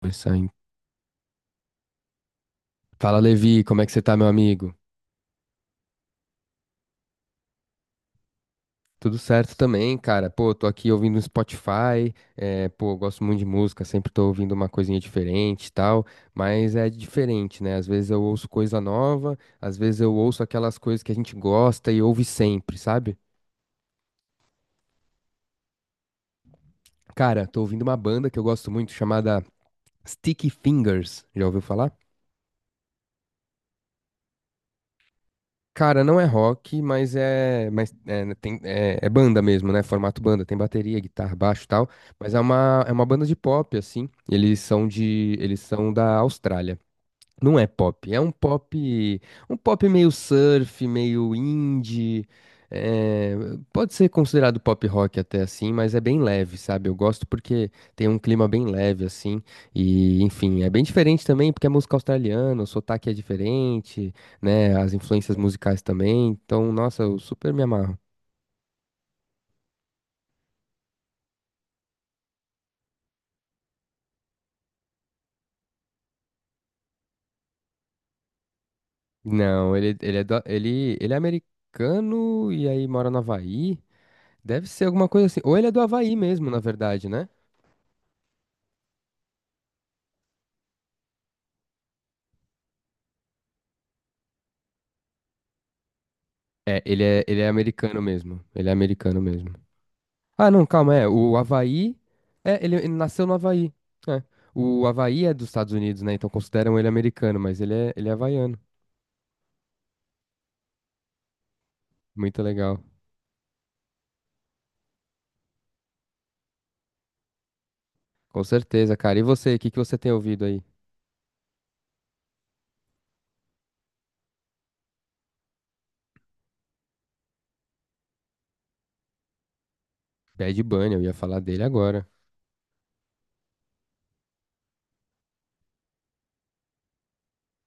Conversar em- Fala, Levi, como é que você tá, meu amigo? Tudo certo também, cara. Pô, tô aqui ouvindo um Spotify, pô, eu gosto muito de música, sempre tô ouvindo uma coisinha diferente e tal, mas é diferente, né? Às vezes eu ouço coisa nova, às vezes eu ouço aquelas coisas que a gente gosta e ouve sempre, sabe? Cara, tô ouvindo uma banda que eu gosto muito chamada Sticky Fingers. Já ouviu falar? Cara, não é rock, mas é, né, tem, é banda mesmo, né? Formato banda, tem bateria, guitarra, baixo, e tal. Mas é uma banda de pop assim. Eles são da Austrália. Não é pop, um pop meio surf, meio indie, é, pode ser considerado pop rock até assim, mas é bem leve, sabe? Eu gosto porque tem um clima bem leve assim, e enfim, é bem diferente também porque é música australiana, o sotaque é diferente, né? As influências musicais também, então, nossa, eu super me amarro. Não, ele é americano e aí mora no Havaí, deve ser alguma coisa assim, ou ele é do Havaí mesmo, na verdade, né? É, ele é americano mesmo. Ele é americano mesmo. Ah, não, calma, é. O Havaí. É, ele nasceu no Havaí. É. O Havaí é dos Estados Unidos, né? Então consideram ele americano, mas ele é havaiano. Muito legal. Com certeza, cara. E você, o que que você tem ouvido aí? Bad Bunny, eu ia falar dele agora.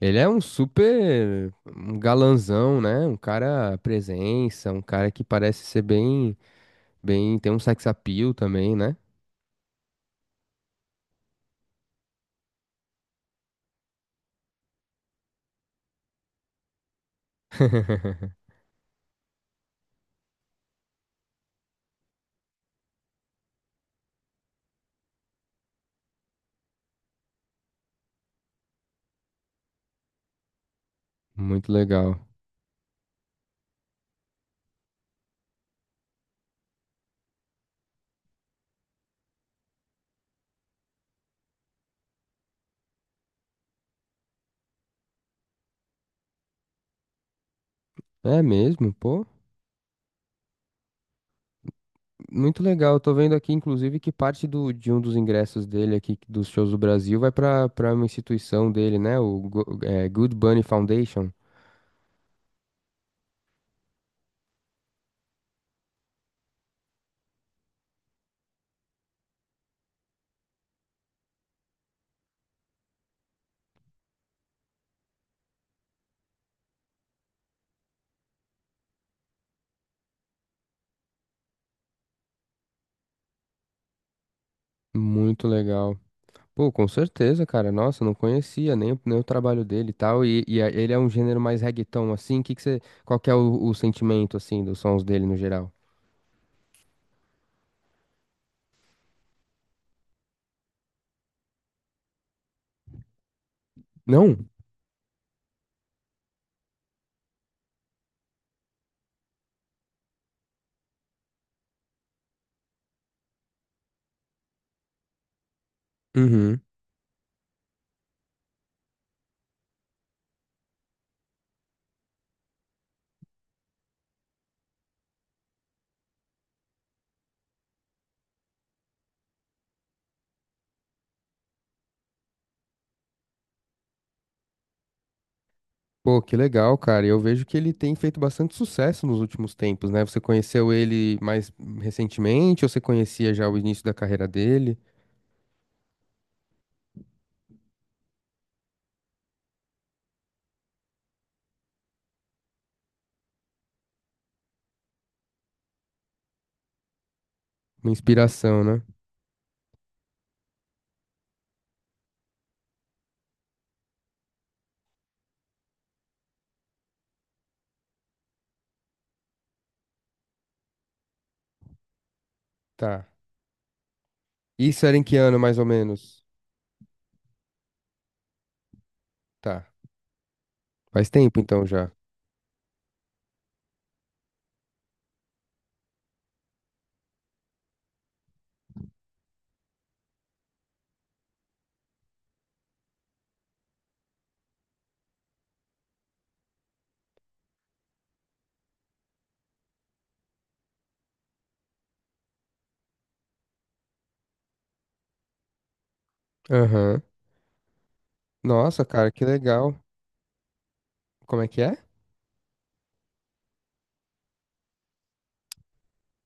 Ele é um super um galanzão, né? Um cara presença, um cara que parece ser bem, tem um sex appeal também, né? Muito legal. É mesmo, pô. Muito legal. Eu tô vendo aqui, inclusive, que de um dos ingressos dele aqui, dos shows do Brasil, vai pra para uma instituição dele, né? O Go- é, Good Bunny Foundation. Muito legal. Pô, com certeza, cara. Nossa, não conhecia nem, o- nem o trabalho dele e tal. E a- ele é um gênero mais reggaeton, assim. Que você, qual que é o sentimento, assim, dos sons dele no geral? Não? Uhum. Pô, que legal, cara. E eu vejo que ele tem feito bastante sucesso nos últimos tempos, né? Você conheceu ele mais recentemente ou você conhecia já o início da carreira dele? Uma inspiração, né? Tá. Isso era em que ano, mais ou menos? Tá. Faz tempo, então, já. Aham. Nossa, cara, que legal. Como é que é?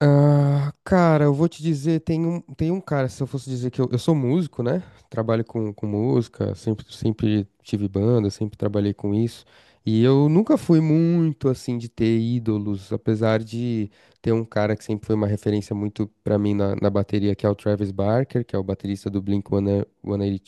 Ah, cara, eu vou te dizer, tem um cara, se eu fosse dizer que eu sou músico, né? Trabalho com música, sempre, sempre tive banda, sempre trabalhei com isso. E eu nunca fui muito assim de ter ídolos, apesar de ter um cara que sempre foi uma referência muito pra mim na, na bateria, que é o Travis Barker, que é o baterista do Blink-182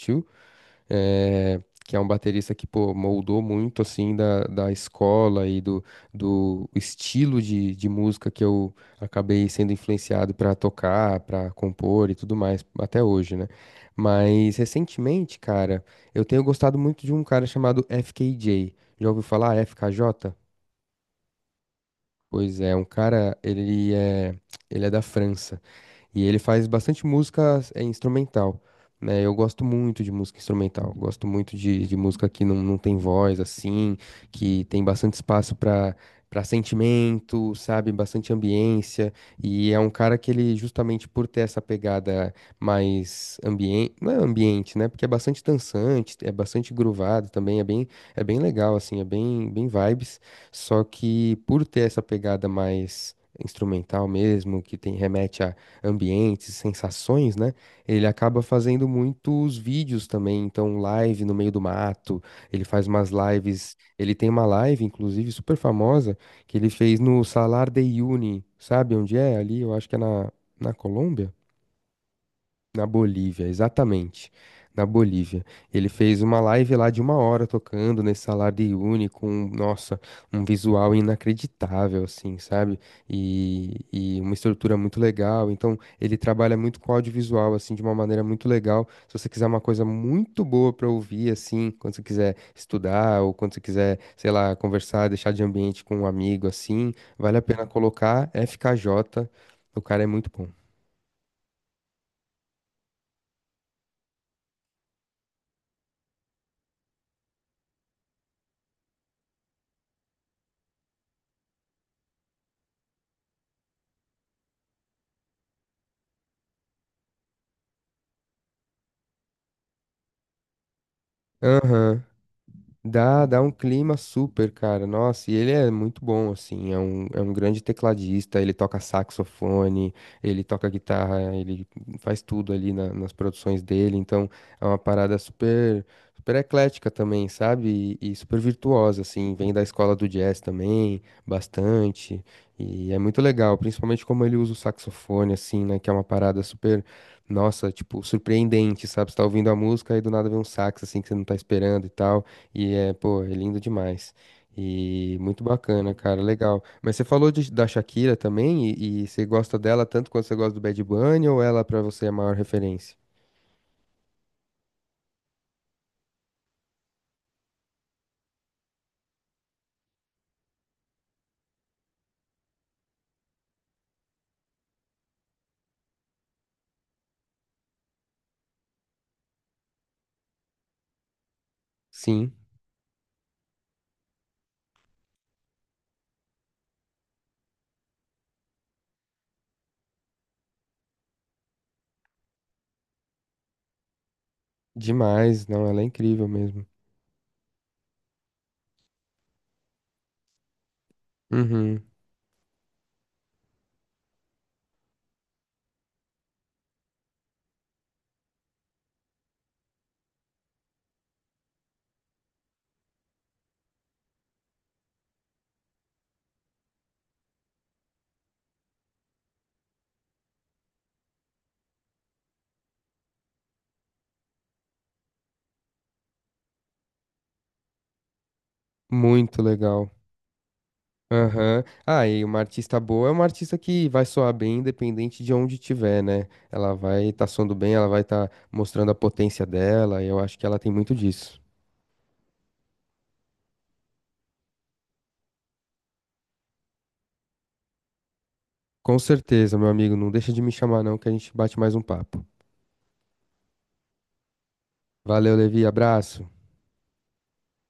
eh, que é um baterista que, pô, moldou muito, assim, da, da escola e do, do estilo de música que eu acabei sendo influenciado pra tocar, pra compor e tudo mais, até hoje, né? Mas, recentemente, cara, eu tenho gostado muito de um cara chamado FKJ. Já ouviu falar FKJ? Pois é, um cara, ele é da França. E ele faz bastante música instrumental, né? Eu gosto muito de música instrumental, gosto muito de música que não, não tem voz, assim, que tem bastante espaço para sentimento, sabe? Bastante ambiência. E é um cara que ele, justamente por ter essa pegada mais ambiente, não é ambiente, né? Porque é bastante dançante, é bastante groovado também, é bem legal, assim, bem vibes. Só que por ter essa pegada mais instrumental mesmo, que tem remete a ambientes, sensações, né? Ele acaba fazendo muitos vídeos também, então live no meio do mato, ele faz umas lives, ele tem uma live, inclusive, super famosa, que ele fez no Salar de Uyuni, sabe onde é? Ali, eu acho que é na Colômbia. Na Bolívia, exatamente. Na Bolívia. Ele fez uma live lá de uma hora tocando nesse salário de uni com, nossa, um visual inacreditável, assim, sabe? E uma estrutura muito legal. Então, ele trabalha muito com audiovisual, assim, de uma maneira muito legal. Se você quiser uma coisa muito boa pra ouvir, assim, quando você quiser estudar ou quando você quiser, sei lá, conversar, deixar de ambiente com um amigo, assim, vale a pena colocar FKJ. O cara é muito bom. Aham. Dá um clima super, cara. Nossa, e ele é muito bom, assim. É um grande tecladista. Ele toca saxofone, ele toca guitarra, ele faz tudo ali na- nas produções dele. Então, é uma parada super, super eclética também, sabe? E super virtuosa, assim. Vem da escola do jazz também, bastante. E é muito legal, principalmente como ele usa o saxofone, assim, né? Que é uma parada super, nossa, tipo, surpreendente, sabe? Você tá ouvindo a música e do nada vem um sax, assim, que você não tá esperando e tal. E é, pô, é lindo demais. E muito bacana, cara, legal. Mas você falou de- da Shakira também, e você gosta dela tanto quanto você gosta do Bad Bunny, ou ela pra você é a maior referência? Sim, demais. Não, ela é incrível mesmo. Uhum, muito legal. Aham. Ah, e uma artista boa é uma artista que vai soar bem independente de onde estiver, né? Ela vai estar soando bem, ela vai estar mostrando a potência dela, e eu acho que ela tem muito disso. Com certeza, meu amigo, não deixa de me chamar não, que a gente bate mais um papo. Valeu, Levi. Abraço.